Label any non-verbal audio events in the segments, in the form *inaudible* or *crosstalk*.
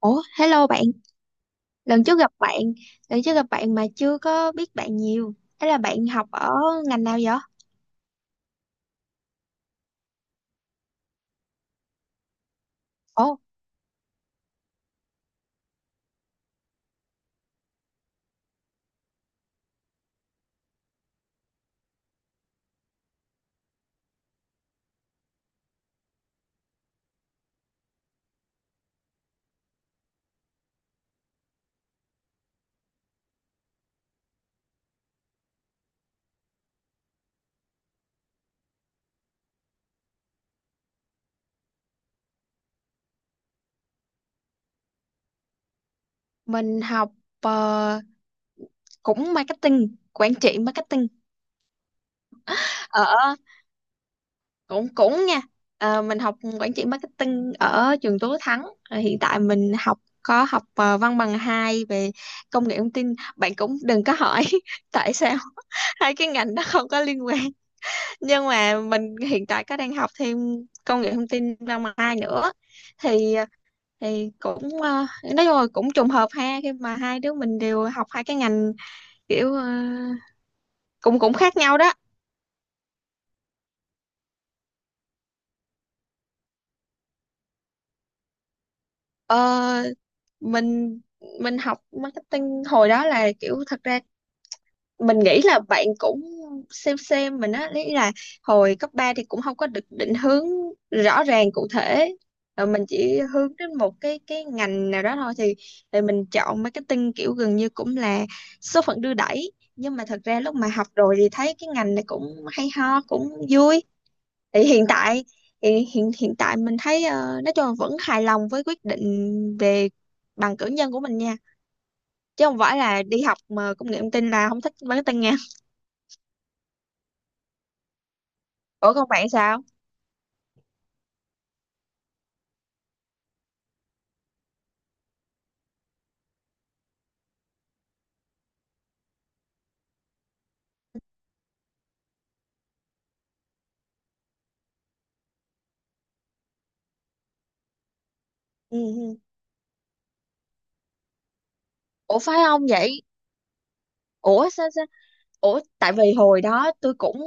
Ủa, hello bạn, lần trước gặp bạn, lần trước gặp bạn mà chưa có biết bạn nhiều. Thế là bạn học ở ngành nào vậy? Ồ, mình học ờ, cũng marketing, quản trị marketing. Ở cũng cũng nha. Ờ, mình học quản trị marketing ở trường Tú Thắng. Ờ, hiện tại mình học văn bằng 2 về công nghệ thông tin. Bạn cũng đừng có hỏi *laughs* tại sao hai cái ngành đó không có liên quan. Nhưng mà mình hiện tại có đang học thêm công nghệ thông tin năm hai nữa thì thì cũng nói chung là cũng trùng hợp ha, khi mà hai đứa mình đều học hai cái ngành kiểu cũng cũng khác nhau đó. Ờ, mình mình học marketing hồi đó là kiểu, thật ra mình nghĩ là bạn cũng xem mình á, lý là hồi cấp 3 thì cũng không có được định hướng rõ ràng cụ thể, rồi mình chỉ hướng đến một cái ngành nào đó thôi, thì mình chọn marketing kiểu gần như cũng là số phận đưa đẩy, nhưng mà thật ra lúc mà học rồi thì thấy cái ngành này cũng hay ho, cũng vui. Thì hiện tại thì hiện hiện tại mình thấy nói chung là vẫn hài lòng với quyết định về bằng cử nhân của mình nha, chứ không phải là đi học mà công nghệ thông tin là không thích marketing. Ủa còn bạn sao? Ừ. Ủa phải không vậy? Ủa sao sao? Ủa tại vì hồi đó tôi cũng,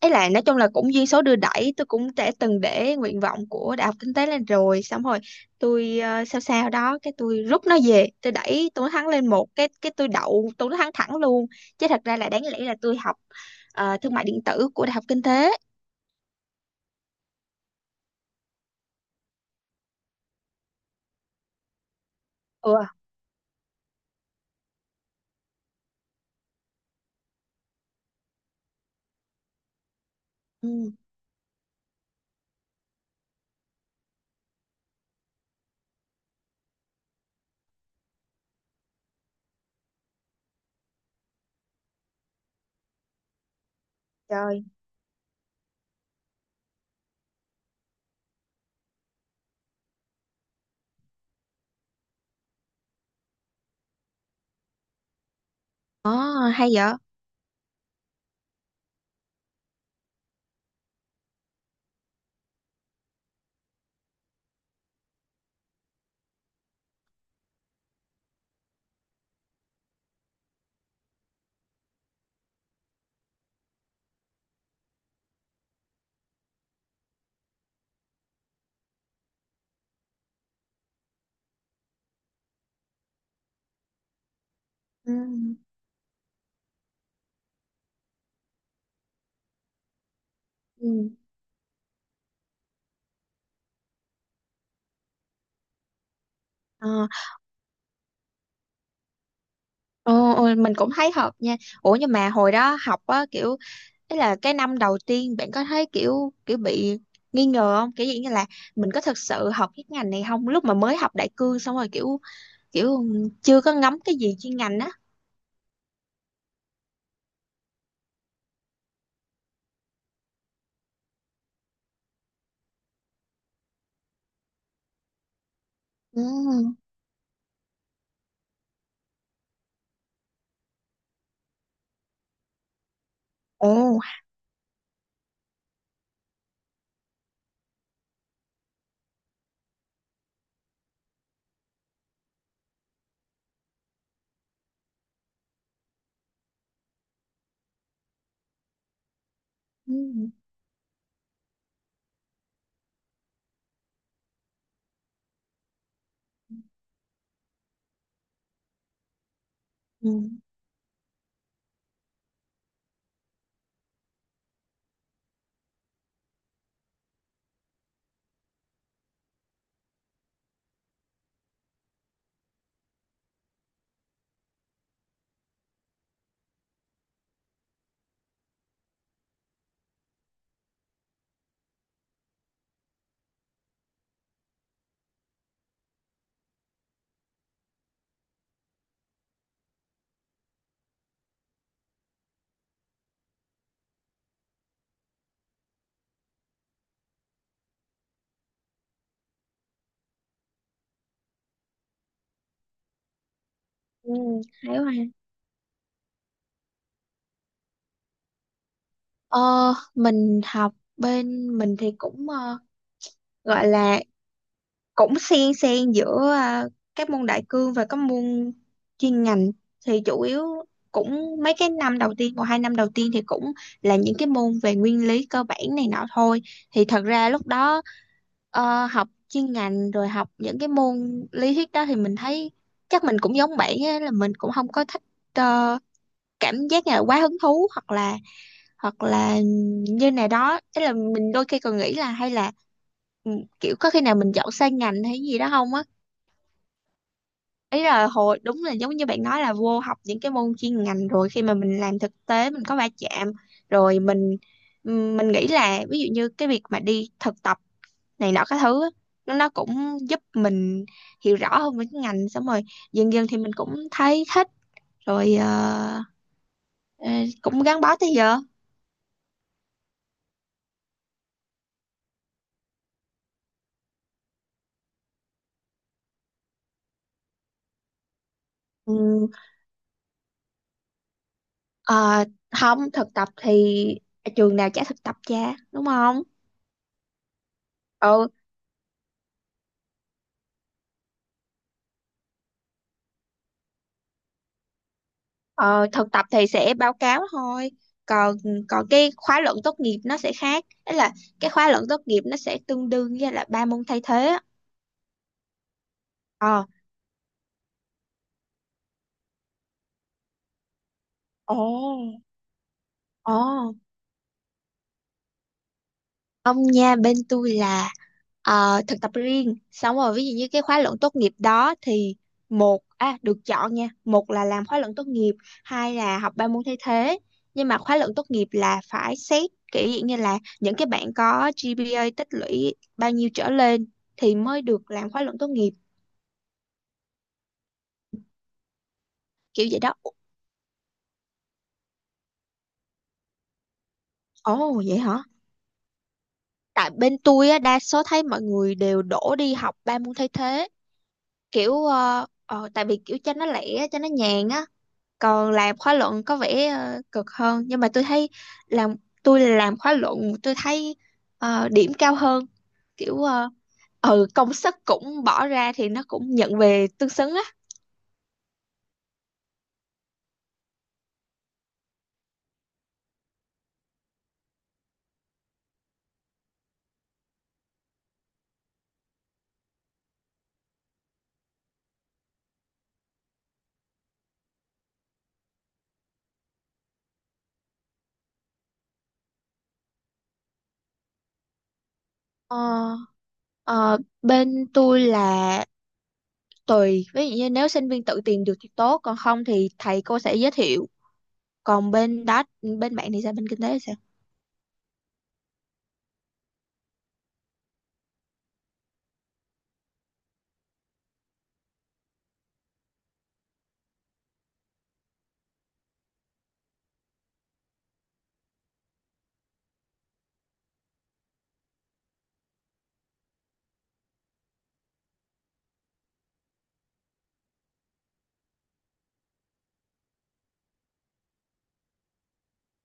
ấy là nói chung là cũng duyên số đưa đẩy, tôi cũng đã từng để nguyện vọng của đại học kinh tế lên, rồi xong rồi tôi sao sao đó, cái tôi rút nó về, tôi đẩy tôi thắng lên một cái tôi đậu tôi thắng thẳng luôn. Chứ thật ra là đáng lẽ là tôi học thương mại điện tử của đại học kinh tế. Ừ. Ừ, trời. Ờ hay vậy. Ừ. Ừ. Ờ. Ồ, ồ, mình cũng thấy hợp nha. Ủa nhưng mà hồi đó học á, kiểu ý là cái năm đầu tiên bạn có thấy kiểu kiểu bị nghi ngờ không? Kiểu gì như là mình có thực sự học cái ngành này không? Lúc mà mới học đại cương xong rồi kiểu, kiểu chưa có ngắm cái gì chuyên ngành á. Ừ. Ồ. Ừ. Ừ. Ừ. Hay quá. Ờ, mình học bên mình thì cũng gọi là cũng xen xen giữa các môn đại cương và các môn chuyên ngành, thì chủ yếu cũng mấy cái năm đầu tiên, một hai năm đầu tiên thì cũng là những cái môn về nguyên lý cơ bản này nọ thôi. Thì thật ra lúc đó học chuyên ngành rồi học những cái môn lý thuyết đó thì mình thấy, chắc mình cũng giống bạn á, là mình cũng không có thích ờ, cảm giác như là quá hứng thú. Hoặc là, hoặc là như này đó, ý là mình đôi khi còn nghĩ là hay là ừ, kiểu có khi nào mình chọn sai ngành hay gì đó không á. Ý là hồi đúng là giống như bạn nói là vô học những cái môn chuyên ngành rồi, khi mà mình làm thực tế mình có va chạm rồi mình, mình nghĩ là ví dụ như cái việc mà đi thực tập này nọ các thứ á, nó cũng giúp mình hiểu rõ hơn về cái ngành, xong rồi dần dần thì mình cũng thấy thích rồi. Ờ, ờ, Cũng gắn bó tới giờ. Ừ. Ờ, không thực tập thì trường nào trả thực tập cha, đúng không? Ừ. Ờ, thực tập thì sẽ báo cáo thôi. Còn Còn cái khóa luận tốt nghiệp nó sẽ khác. Đấy là cái khóa luận tốt nghiệp nó sẽ tương đương với là ba môn thay thế á. Ờ. Ồ. Ồ. Ông nha, bên tôi là thực tập riêng, xong rồi ví dụ như cái khóa luận tốt nghiệp đó thì, một à được chọn nha, một là làm khóa luận tốt nghiệp, hai là học ba môn thay thế. Nhưng mà khóa luận tốt nghiệp là phải xét kiểu dạng như là những cái bạn có GPA tích lũy bao nhiêu trở lên thì mới được làm khóa luận tốt nghiệp. Kiểu vậy đó. Ồ vậy hả. Tại bên tôi á, đa số thấy mọi người đều đổ đi học ba môn thay thế, kiểu tại vì kiểu cho nó lẻ cho nó nhàn á. Còn làm khóa luận có vẻ cực hơn, nhưng mà tôi thấy làm tôi làm khóa luận tôi thấy điểm cao hơn. Kiểu ừ, công sức cũng bỏ ra thì nó cũng nhận về tương xứng á. ờ, ờ, Bên tôi là tùy, ví dụ như nếu sinh viên tự tìm được thì tốt, còn không thì thầy cô sẽ giới thiệu. Còn bên đó, bên bạn thì sao, bên kinh tế thì sao?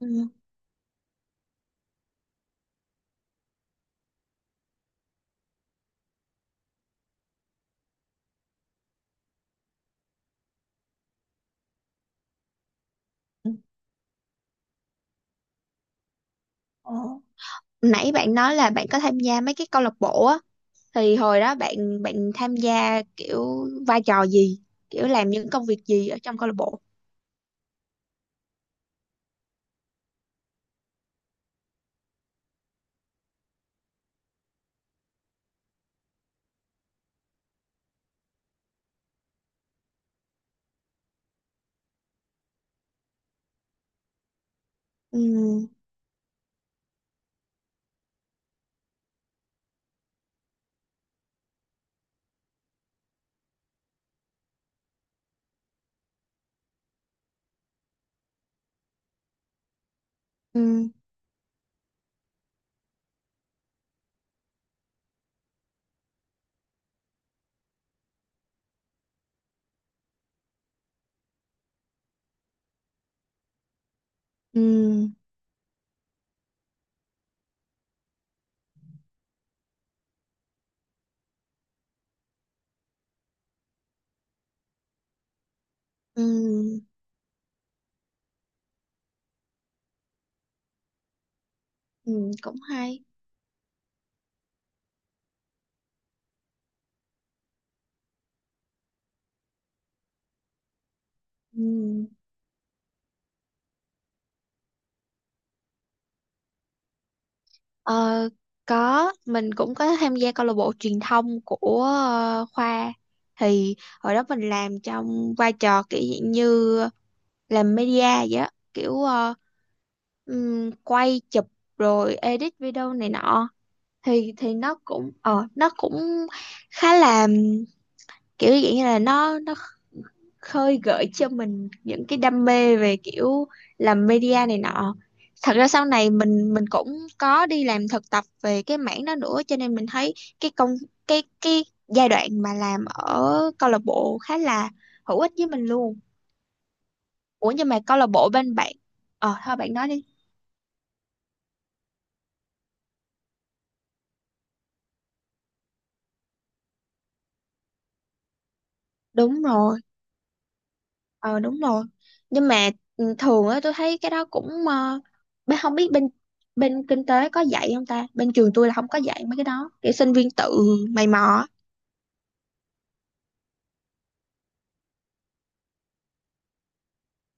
Ừ. Ờ. Nãy bạn nói là bạn có tham gia mấy cái câu lạc bộ á, thì hồi đó bạn bạn tham gia kiểu vai trò gì, kiểu làm những công việc gì ở trong câu lạc bộ? Ừ. Ừ. Ừ. Ừm. Ừm, cũng hay. Ừm. Ờ, có, mình cũng có tham gia câu lạc bộ truyền thông của khoa. Thì hồi đó mình làm trong vai trò kiểu dạng như làm media vậy á, kiểu quay chụp rồi edit video này nọ. Thì nó cũng, nó cũng khá là kiểu dạng như là nó khơi gợi cho mình những cái đam mê về kiểu làm media này nọ. Thật ra sau này mình cũng có đi làm thực tập về cái mảng đó nữa, cho nên mình thấy cái công cái giai đoạn mà làm ở câu lạc bộ khá là hữu ích với mình luôn. Ủa nhưng mà câu lạc bộ bên bạn, ờ thôi bạn nói đi. Đúng rồi. Ờ đúng rồi. Nhưng mà ừ, thường á tôi thấy cái đó cũng bé- không biết bên bên kinh tế có dạy không ta, bên trường tôi là không có dạy mấy cái đó, kiểu sinh viên tự mày mò á.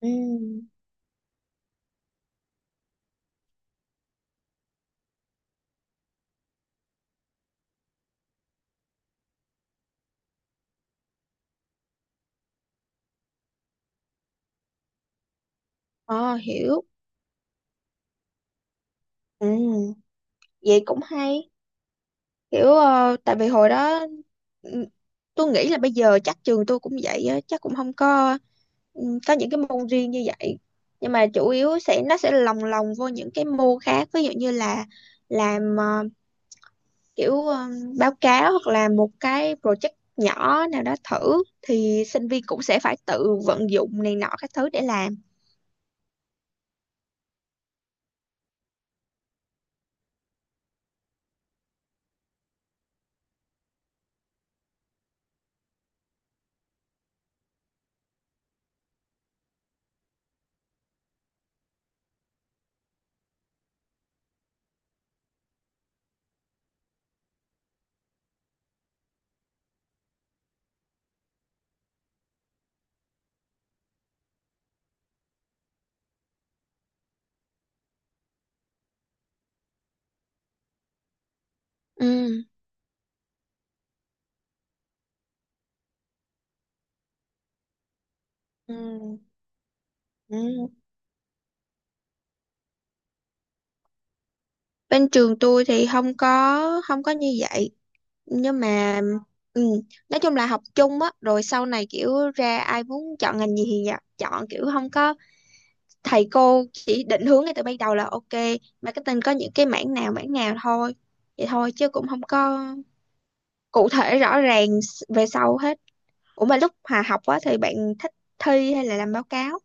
Ừ. Ờ hiểu. Ừ, vậy cũng hay. Kiểu tại vì hồi đó ừ, tôi nghĩ là bây giờ chắc trường tôi cũng vậy á, chắc cũng không có có những cái môn riêng như vậy. Nhưng mà chủ yếu sẽ, nó sẽ lồng lồng vô những cái môn khác, ví dụ như là làm kiểu báo cáo, hoặc là một cái project nhỏ nào đó thử, thì sinh viên cũng sẽ phải tự vận dụng này nọ các thứ để làm. Ừ. Ừ. Ừ. Bên trường tôi thì không có như vậy, nhưng mà ừ, nói chung là học chung á, rồi sau này kiểu ra ai muốn chọn ngành gì thì dạ, chọn, kiểu không có thầy cô chỉ định hướng ngay từ ban đầu là ok, marketing có những cái mảng nào, mảng nào thôi, vậy thôi, chứ cũng không có cụ thể rõ ràng s- về sau hết. Ủa mà lúc hòa học á thì bạn thích thi hay là làm báo cáo?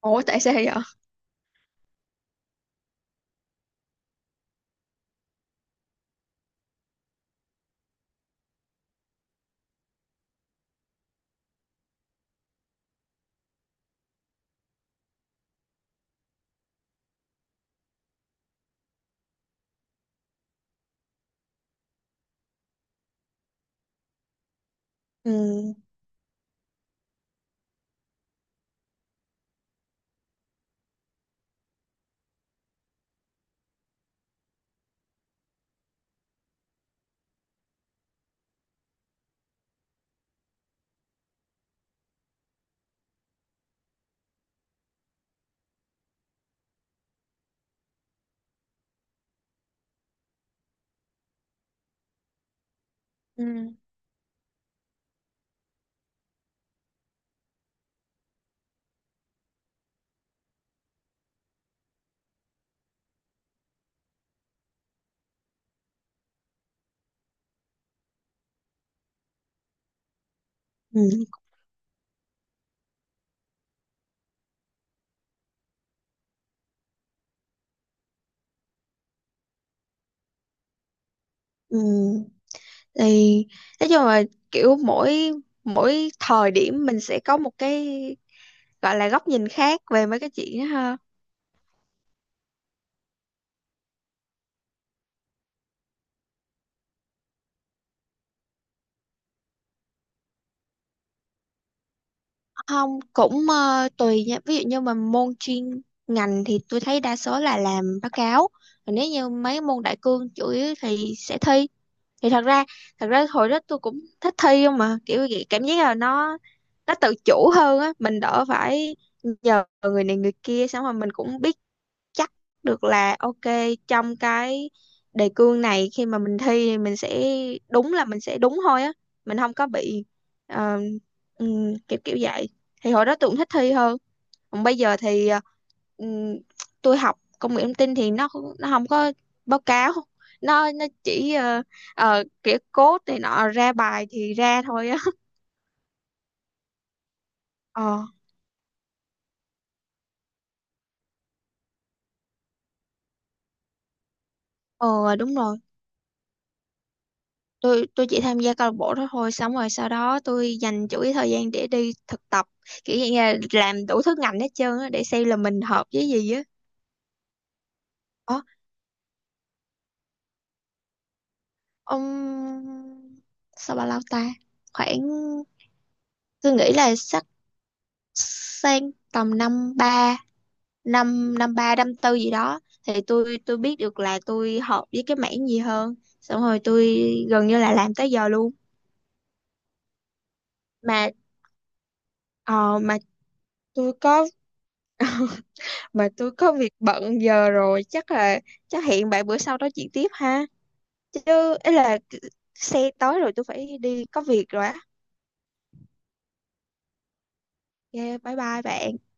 Ủa tại sao vậy? Ừ. Ừ. Ừ. Ừ. Thì nói chung là kiểu mỗi mỗi thời điểm mình sẽ có một cái gọi là góc nhìn khác về mấy cái chuyện đó ha. Không, cũng tùy nha. Ví dụ như mà môn chuyên ngành thì tôi thấy đa số là làm báo cáo. Còn nếu như mấy môn đại cương chủ yếu thì sẽ thi. Thì thật ra Thật ra hồi đó tôi cũng thích thi không, mà kiểu vậy cảm giác là nó tự chủ hơn á, mình đỡ phải nhờ người này người kia, xong rồi mình cũng biết chắc được là ok, trong cái đề cương này khi mà mình thi thì mình sẽ đúng, là mình sẽ đúng thôi á, mình không có bị ờ, kiểu kiểu vậy. Thì hồi đó tôi cũng thích thi hơn. Còn bây giờ thì ừm, tôi học công nghệ thông tin thì nó không có báo cáo, nó chỉ kiểu code này nọ, ra bài thì ra thôi á *laughs* ờ. Ờ đúng rồi. Tôi chỉ tham gia câu lạc bộ đó thôi, xong rồi sau đó tôi dành chủ yếu thời gian để đi thực tập, kiểu như là làm đủ thứ ngành hết trơn á, để xem là mình hợp với gì á. Ủa, ông sao bao lâu ta, khoảng, tôi nghĩ là sắp sang tầm năm ba, năm năm ba năm tư gì đó, thì tôi biết được là tôi hợp với cái mảng gì hơn, xong rồi tôi gần như là làm tới giờ luôn. Mà ờ, mà tôi có mà tôi có việc bận giờ rồi, chắc là chắc hẹn bạn bữa sau nói chuyện tiếp ha. Chứ ấy là xe tới rồi, tôi phải đi có việc rồi á. Yeah, bye bye bạn.